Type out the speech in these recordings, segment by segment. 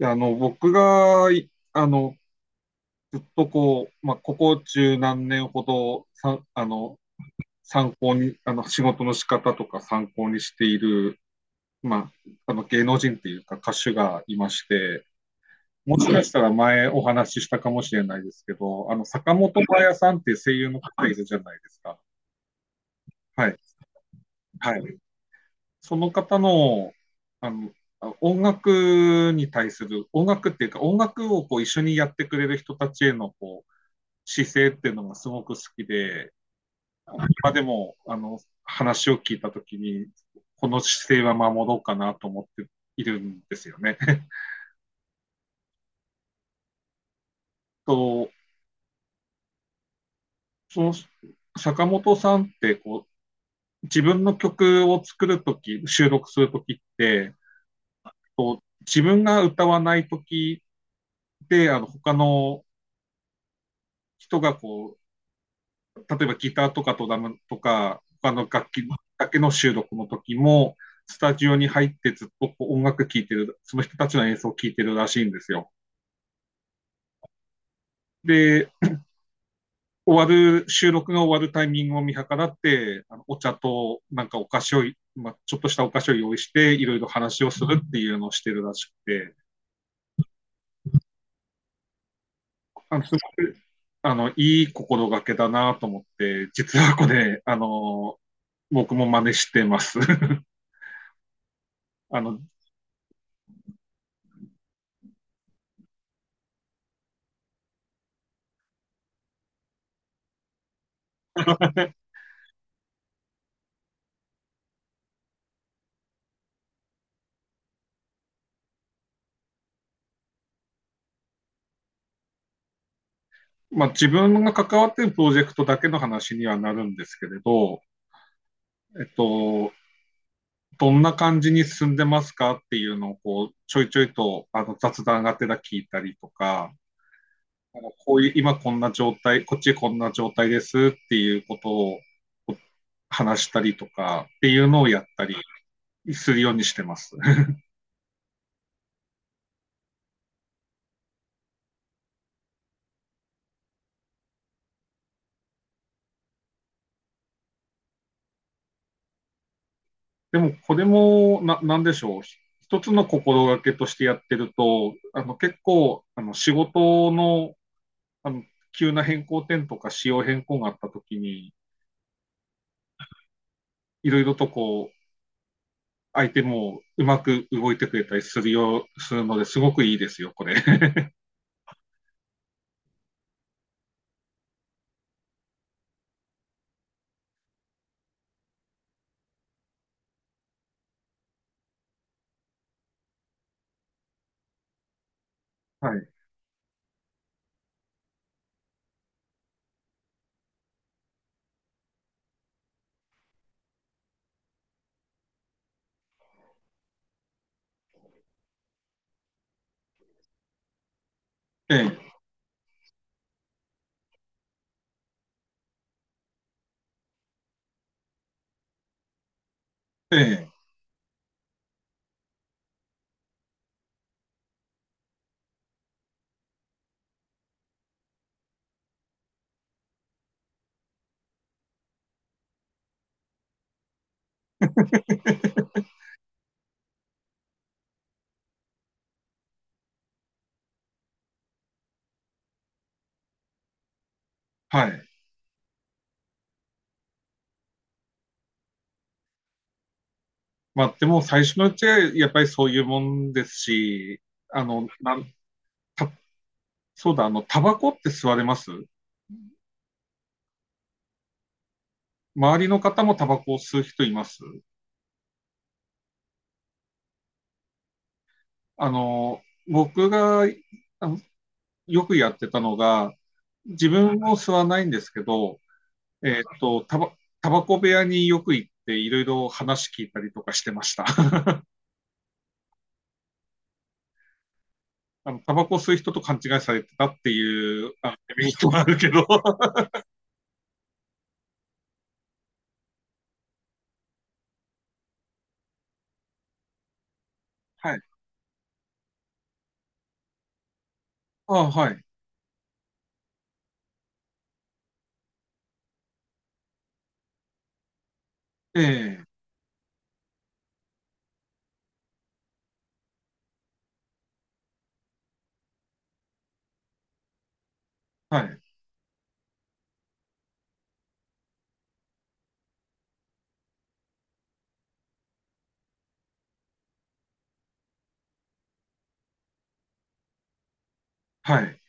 いや、あの、僕が、いあの、ずっとこう、ここ中何年ほど、さん、あの、仕事の仕方とか参考にしている、まあ、芸能人っていうか歌手がいまして、もしかしたら前お話ししたかもしれないですけど、坂本真綾さんっていう声優の方いるじゃないですか。はい。はい。その方の、あの、音楽に対する、音楽っていうか、音楽をこう一緒にやってくれる人たちへのこう姿勢っていうのがすごく好きで、今でも、話を聞いたときに、この姿勢は守ろうかなと思っているんですよね。と、その、坂本さんって、こう、自分の曲を作るとき、収録するときって、こう、自分が歌わないときで、他の人がこう、例えばギターとかドラムとか、他の楽器だけの収録の時も、スタジオに入ってずっとこう音楽聴いてる、その人たちの演奏を聴いてるらしいんですよ。で、終わる、収録が終わるタイミングを見計らって、あのお茶となんかお菓子を、ちょっとしたお菓子を用意して、いろいろ話をするっていうのをしてるらしくて、あのすごくあのいい心がけだなと思って、実はこれ、あの僕も真似してます。 あの。まあ、自分が関わっているプロジェクトだけの話にはなるんですけれど、えっと、どんな感じに進んでますかっていうのをこうちょいちょいとあの雑談がてら聞いたりとか、あのこういう今こんな状態、こっちこんな状態ですっていうことを話したりとかっていうのをやったりするようにしてます。でもこれもなんでしょう。一つの心がけとしてやってると、あの結構あの仕事のあの、急な変更点とか仕様変更があったときに、いろいろとこう、相手もうまく動いてくれたりするよう、するので、すごくいいですよ、これ。 はい。ええ、ええ。 はい。まあ、でも最初のうちはやっぱりそういうもんですし、あの、なんたそうだ、タバコって吸われます？周りの方もタバコを吸う人います？あの、僕があのよくやってたのが、自分も吸わないんですけど、えーっと、タバ、タバコ部屋によく行っていろいろ話聞いたりとかしてました。あの、タバコ吸う人と勘違いされてたっていう、あの、メリットがあるけど。はい。あ、はい。ええ、はい。はい。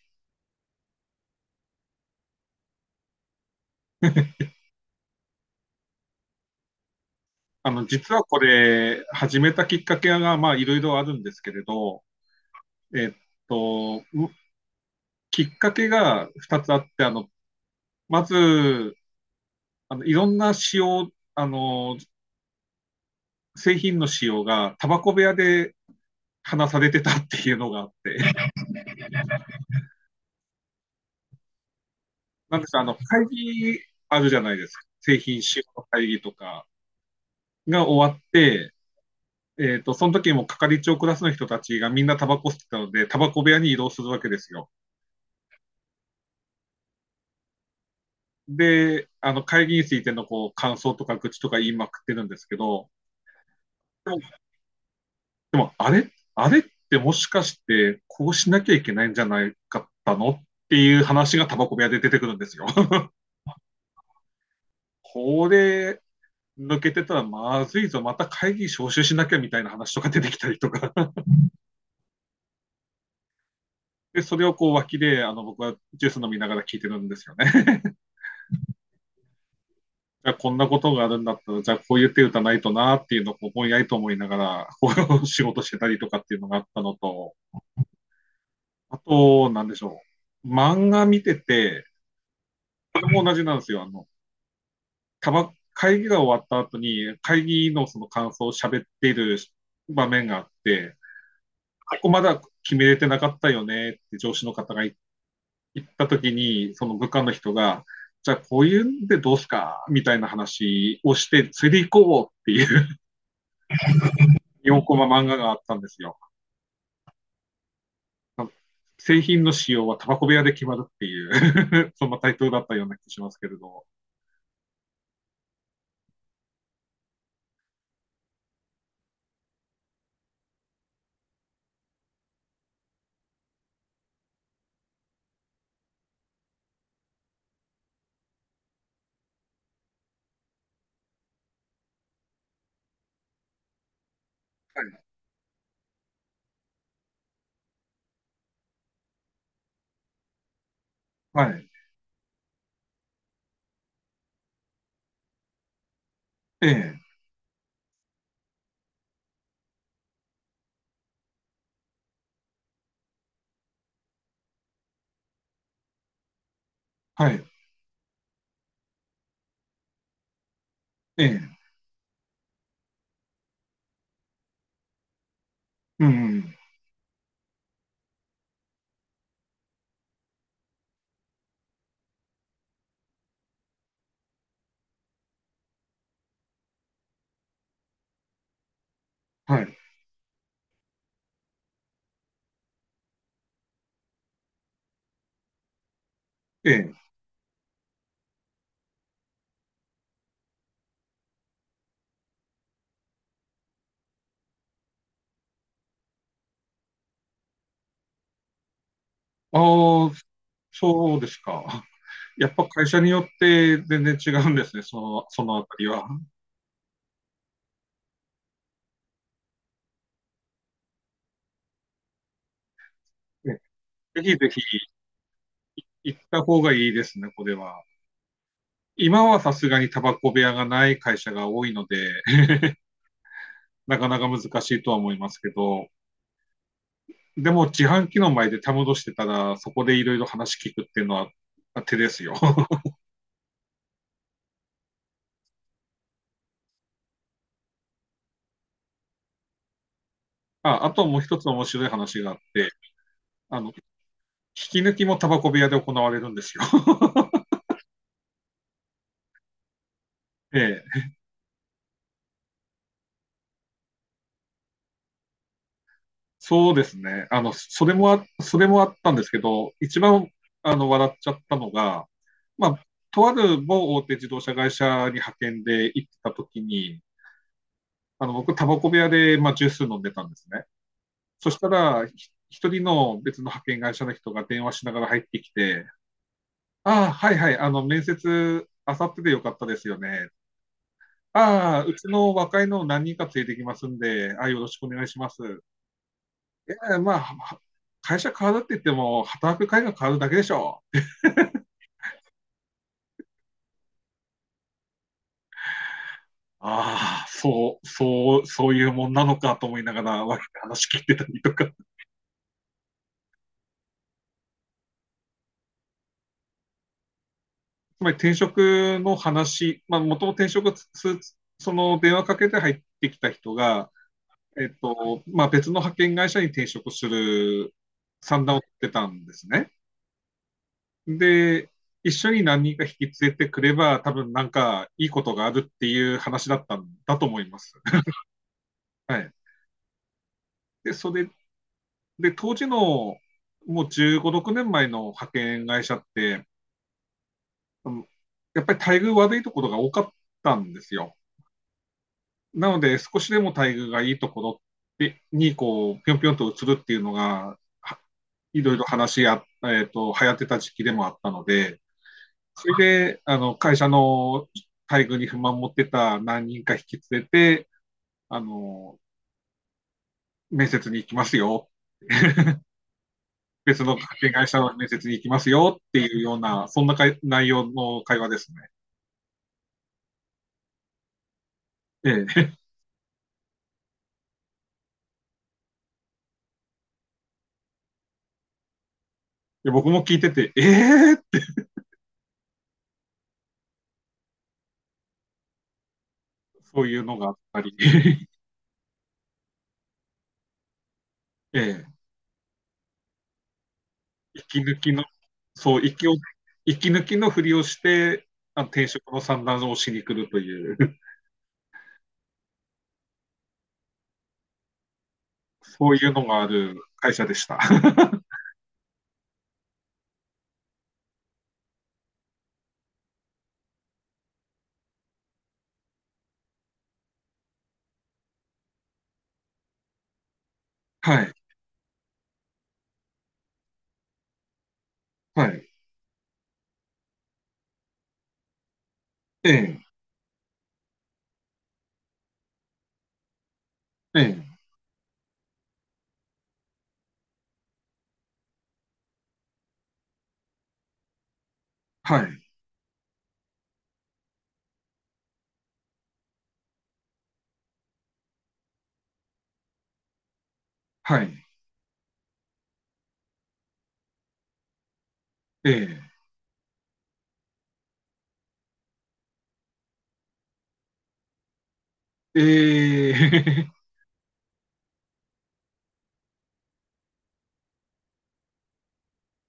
実はこれ、始めたきっかけが、まあ、いろいろあるんですけれど、えっと、うきっかけが2つあって、まず、あの、いろんな使用、あの、製品の使用が、タバコ部屋で話されてたっていうのがあって。なんですか、あの、会議あるじゃないですか。製品使用の会議とかが終わって、えっと、その時も係長クラスの人たちがみんなタバコ吸ってたので、タバコ部屋に移動するわけですよ。で、会議についてのこう、感想とか愚痴とか言いまくってるんですけど、でも、でもあれってもしかして、こうしなきゃいけないんじゃないかったのっていう話がタバコ部屋で出てくるんですよ。これ、抜けてたらまずいぞ、また会議招集しなきゃみたいな話とか出てきたりとか。で、それをこう脇で、あの、僕はジュース飲みながら聞いてるんですよね。じゃあ、こんなことがあるんだったら、じゃあ、こういう手打たないとなっていうのを、こう、ぼんやりと思いながら、こう、仕事してたりとかっていうのがあったのと、あと、なんでしょう。漫画見てて、これも同じなんですよ。会議が終わった後に、会議のその感想を喋っている場面があって、ここまだ決めれてなかったよねって上司の方が行った時に、その部下の人が、じゃあこういうんでどうすかみたいな話をして、釣り行こうっていう4コマ漫画があったんですよ。製品の仕様はタバコ部屋で決まるっていう、 そんなタイトルだったような気がしますけれど。はい。はい。ええ。はい。ええ。うん。はい。ええ。ああ、そうですか。やっぱ会社によって全然違うんですね、そのあたりは。ぜひぜひ行った方がいいですね、これは。今はさすがにタバコ部屋がない会社が多いので、なかなか難しいとは思いますけど、でも自販機の前でたむろしてたら、そこでいろいろ話聞くっていうのは手ですよ。ああ、ともう一つ面白い話があって、あの、引き抜きもタバコ部屋で行われるんですよ。ええ、そうですね。あの、それもあったんですけど、一番、あの、笑っちゃったのが、まあ、とある某大手自動車会社に派遣で行ってた時に、あの僕、タバコ部屋で、まあ、ジュース飲んでたんですね。そしたら、一人の別の派遣会社の人が電話しながら入ってきて、ああ、はいはい、あの、面接、あさってでよかったですよね。ああ、うちの若いのを何人か連れてきますんで、ああ、よろしくお願いします。えーまあ、は会社変わるって言っても、働く会が変わるだけでしょう。ああ、そういうもんなのかと思いながら、話聞いてたりとか。つまり転職の話、まあ、元と転職す、その電話かけて入ってきた人が、別の派遣会社に転職する算段を取ってたんですね。で、一緒に何人か引き連れてくれば、多分なんかいいことがあるっていう話だったんだと思います。はい。で、それで、当時のもう15、6年前の派遣会社って、やっぱり待遇悪いところが多かったんですよ。なので、少しでも待遇がいいところに、こう、ぴょんぴょんと移るっていうのが、いろいろ話や、えっと、流行ってた時期でもあったので、それで、あの、会社の待遇に不満持ってた何人か引き連れて、あの、面接に行きますよ。別の派遣会社の面接に行きますよっていうような、そんなかい内容の会話ですね。ええ。で僕も聞いてて、ええそういうのがあったり、ええ息抜きの、そう、息を、息抜きのふりをして、あの転職の算段をしに来るという、そういうのがある会社でした。はい、はい、ええ、ええ、はい、はい、ええ、ええ、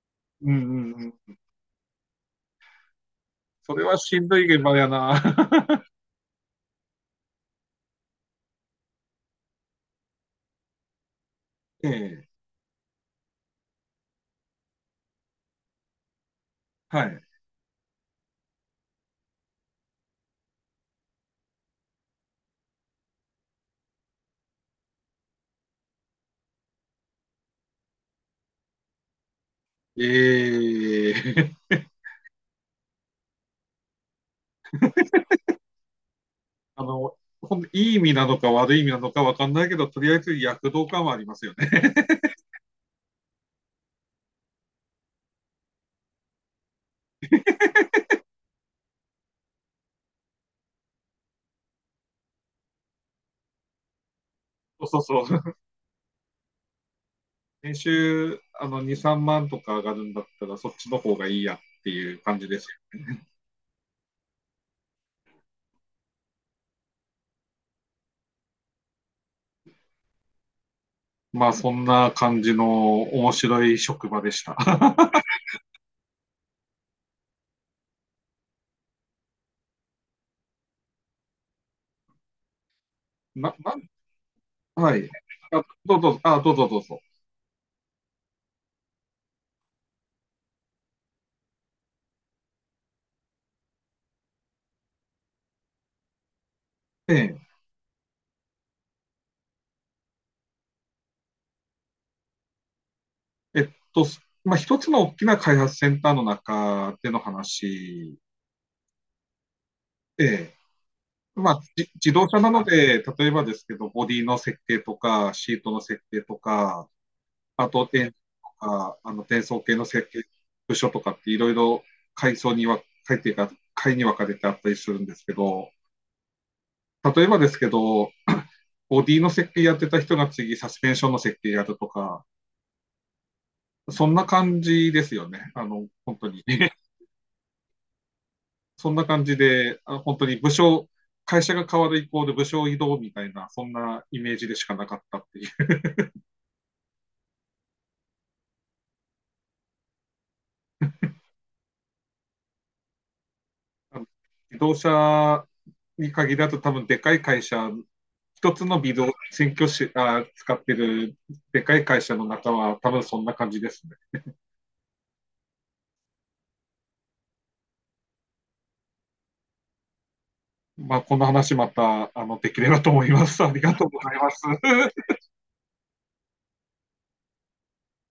うんうん、それはしんどい現場やな。ええ、はい、ええ、いい意味なのか悪い意味なのか分かんないけど、とりあえず躍動感はありますよね。そうそうそう。年収あの2、3万とか上がるんだったら、そっちの方がいいやっていう感じです。まあ、そんな感じの面白い職場でした。ななはい。あ。どうぞ、どうぞ。ええ、えっと、まあ、一つの大きな開発センターの中での話、ええ、まあ、自動車なので、例えばですけど、ボディの設計とか、シートの設計とか、あと、か、あの、転送系の設計、部署とかっていろいろ階層には、階っていうか、階に分かれてあったりするんですけど、例えばですけど、ボディの設計やってた人が次、サスペンションの設計やるとか、そんな感じですよね。あの、本当に。そんな感じで、あの本当に部署、会社が変わる以降で部署移動みたいな、そんなイメージでしかなかったっていう。あの自動車に限らず多分でかい会社、一つのビデオ、新居しあ使ってるでかい会社の中は多分そんな感じですね。まあ、この話またあのできればと思います。ありがとうございます。